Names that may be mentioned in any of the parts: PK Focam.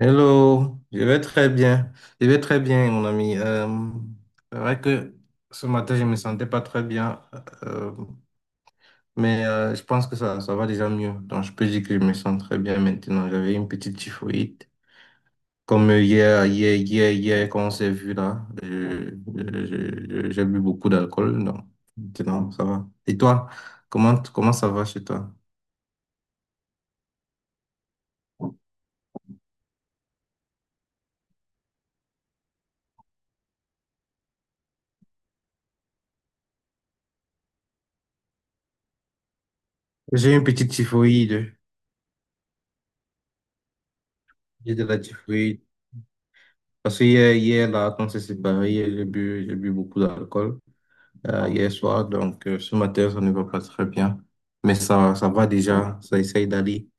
Hello, je vais très bien. Je vais très bien, mon ami. C'est vrai que ce matin, je ne me sentais pas très bien, euh, mais je pense que ça va déjà mieux. Donc, je peux dire que je me sens très bien maintenant. J'avais une petite typhoïde. Comme hier, quand on s'est vu là, j'ai bu beaucoup d'alcool. Donc, maintenant, ça va. Et toi, comment ça va chez toi? J'ai une petite typhoïde. J'ai de la typhoïde. Parce que hier là, quand c'est séparé, hier, j'ai bu beaucoup d'alcool hier soir. Donc, ce matin, ça ne va pas très bien. Mais ça va déjà. Ça essaye d'aller.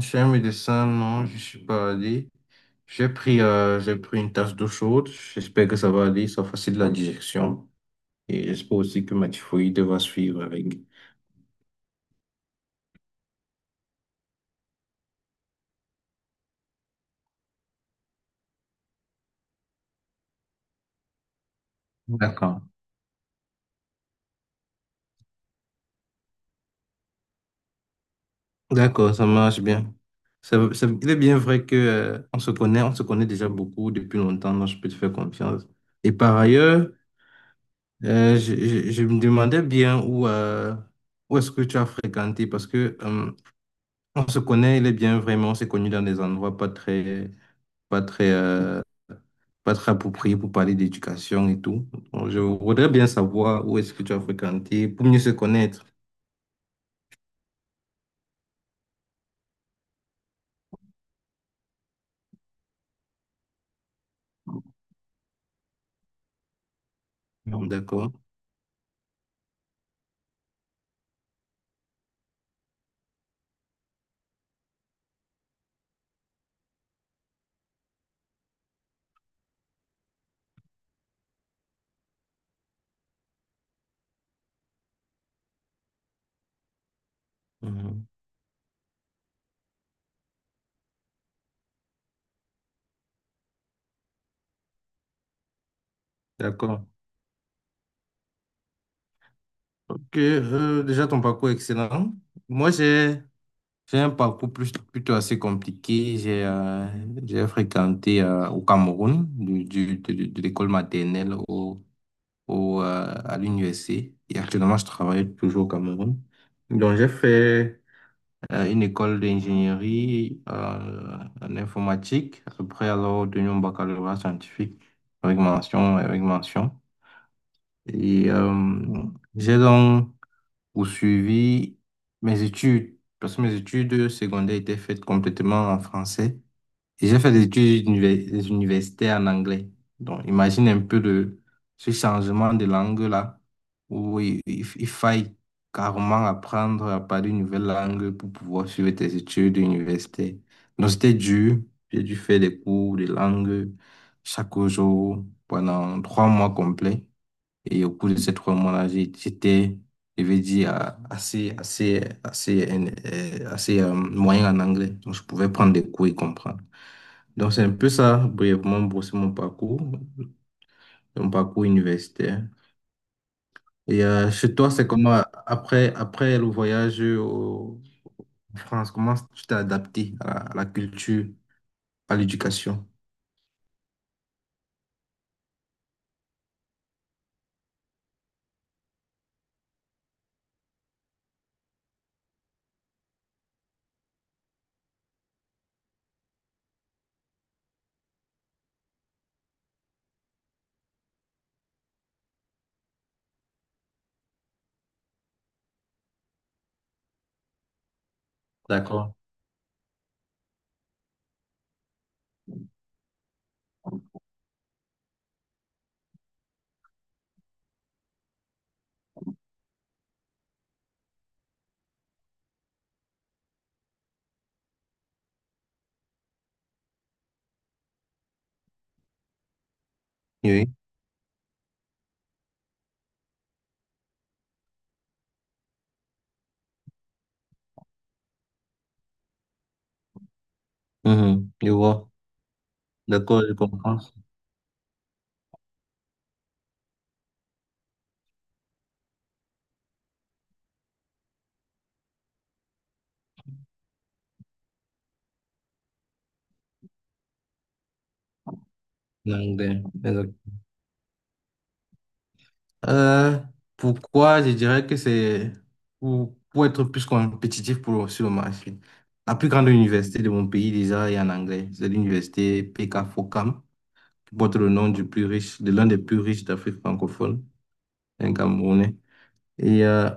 Chez un médecin, non, je suis pas allé. J'ai pris une tasse d'eau chaude. J'espère que ça va aller. Ça facilite la digestion. Et j'espère aussi que ma typhoïde va suivre avec. D'accord. D'accord, ça marche bien. Il est bien vrai que, on se connaît déjà beaucoup depuis longtemps, donc je peux te faire confiance. Et par ailleurs, je me demandais bien où est-ce que tu as fréquenté, parce que on se connaît, il est bien vraiment, on s'est connu dans des endroits pas très, euh, pas très appropriés pour parler d'éducation et tout. Donc, je voudrais bien savoir où est-ce que tu as fréquenté pour mieux se connaître. Mhm. D'accord. Mhm. D'accord. Ok, déjà ton parcours est excellent. Moi, j'ai un parcours plutôt assez compliqué. J'ai fréquenté au Cameroun, de l'école maternelle à l'université. Et actuellement, je travaille toujours au Cameroun. Donc, j'ai fait une école d'ingénierie en informatique. Après, alors, obtenu un baccalauréat scientifique avec mention, avec mention. Et j'ai donc poursuivi mes études, parce que mes études secondaires étaient faites complètement en français. Et j'ai fait des universités en anglais. Donc, imagine un peu de ce changement de langue-là, où il faille carrément apprendre à parler une nouvelle langue pour pouvoir suivre tes études d'université. Donc, c'était dur. J'ai dû faire des cours de langue chaque jour pendant 3 mois complets. Et au cours de ces 3 mois-là, j'étais, je vais dire, moyen en anglais. Donc, je pouvais prendre des cours et comprendre. Donc, c'est un peu ça, brièvement, brosser mon parcours, universitaire. Et chez toi, c'est comment, après le voyage en France, comment tu t'es adapté à la culture, à l'éducation? D'accord. Oui. Mhm. Je vois. D'accord, je comprends. L'anglais. Exact. Euh, Pourquoi je dirais que c'est pour être plus compétitif sur le marché. La plus grande université de mon pays, déjà, est en anglais. C'est l'université PK Focam, porte le nom du plus riche, de l'un des plus riches d'Afrique francophone, un Camerounais. Et euh,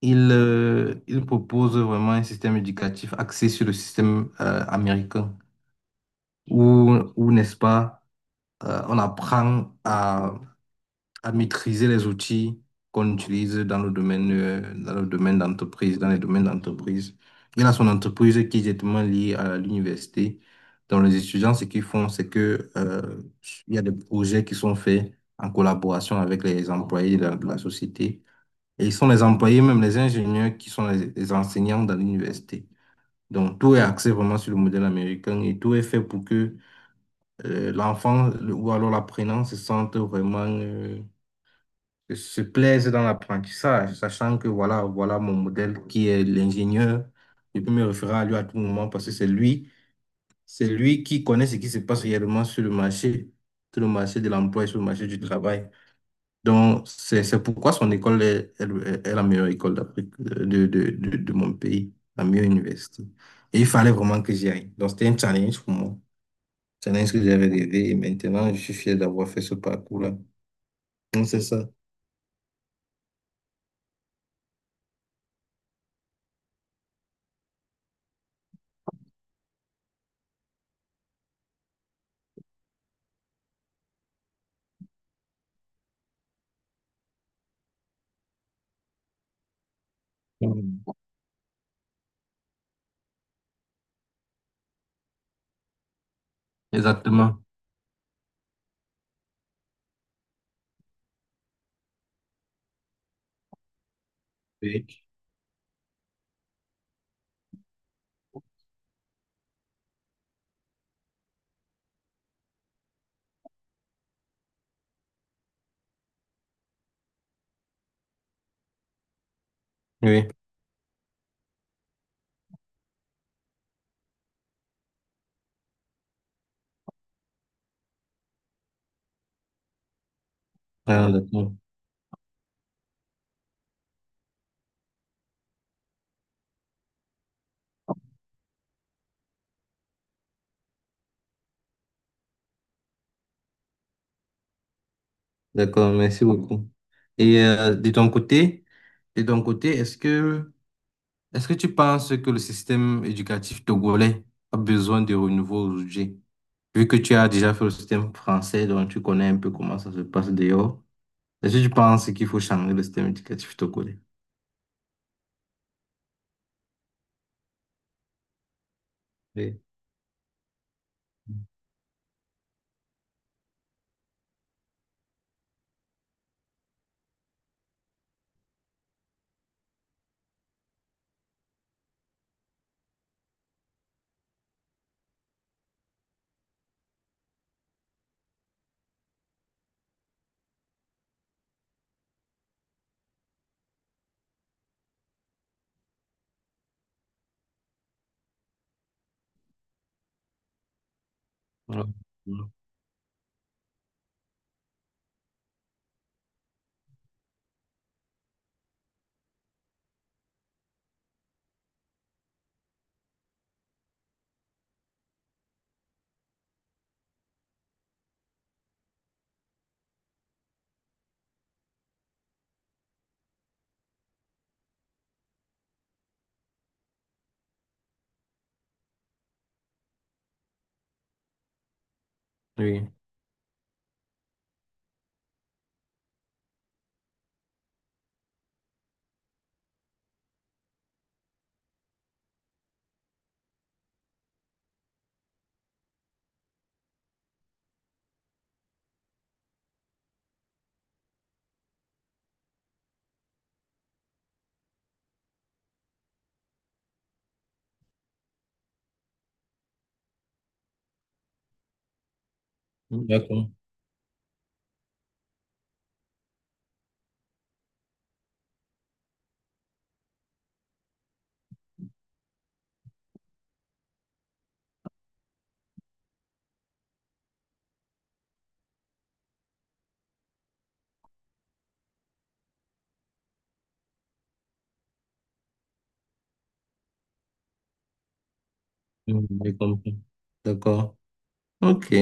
il, euh, il propose vraiment un système éducatif axé sur le système américain, où, où n'est-ce pas, on apprend à maîtriser les outils qu'on utilise dans le domaine d'entreprise, dans les domaines d'entreprise. Il a son entreprise qui est directement liée à l'université. Donc, les étudiants, ce qu'ils font, c'est que, il y a des projets qui sont faits en collaboration avec les employés de la société. Et ils sont les employés, même les ingénieurs, qui sont les enseignants dans l'université. Donc, tout est axé vraiment sur le modèle américain et tout est fait pour que l'enfant ou alors l'apprenant se sente vraiment, que se plaisent dans l'apprentissage, sachant que voilà mon modèle qui est l'ingénieur. Je peux me référer à lui à tout moment parce que c'est lui qui connaît ce qui se passe réellement sur le marché de l'emploi et sur le marché du travail. Donc, c'est pourquoi son école est la meilleure école d'Afrique, de mon pays, la meilleure université. Et il fallait vraiment que j'y aille. Donc, c'était un challenge pour moi. Challenge que j'avais rêvé et maintenant, je suis fier d'avoir fait ce parcours-là. Donc, c'est ça. Mm. Exactement. Oui. Oui, ah, d'accord. D'accord, merci beaucoup. Et de ton côté, est-ce que tu penses que le système éducatif togolais a besoin de renouveau aujourd'hui? Vu que tu as déjà fait le système français, donc tu connais un peu comment ça se passe dehors. Est-ce que tu penses qu'il faut changer le système éducatif togolais? Oui. Voilà. Oui. D'accord. Oui, je comprends. D'accord. OK.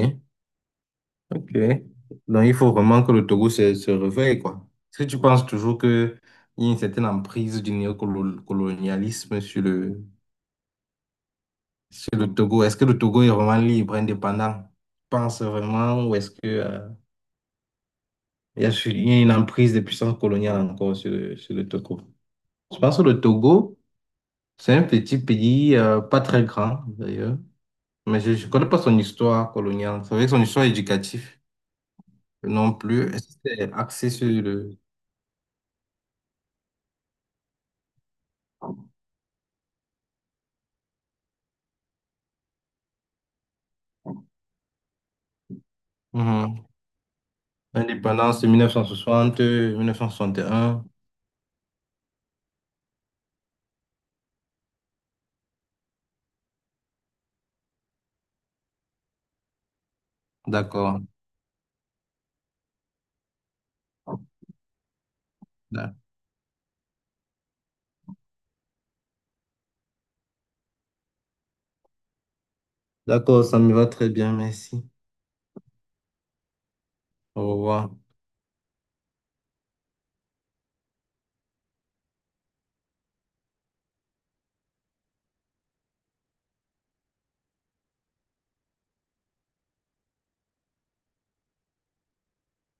Ok. Donc, il faut vraiment que le Togo se réveille, quoi. Est-ce que tu penses toujours qu'il y a une certaine emprise du néocolonialisme sur le Togo? Est-ce que le Togo est vraiment libre, indépendant? Tu penses vraiment ou est-ce que, il y a une emprise des puissances coloniales encore sur le Togo? Je pense que le Togo, c'est un petit pays, pas très grand d'ailleurs, mais je ne connais pas son histoire coloniale. C'est vrai que son histoire éducative non plus, est-ce que c'est axé sur le. Mhm. Indépendance de 1960, 1961. D'accord. D'ac- D'accord, ça me va très bien, merci. Au revoir.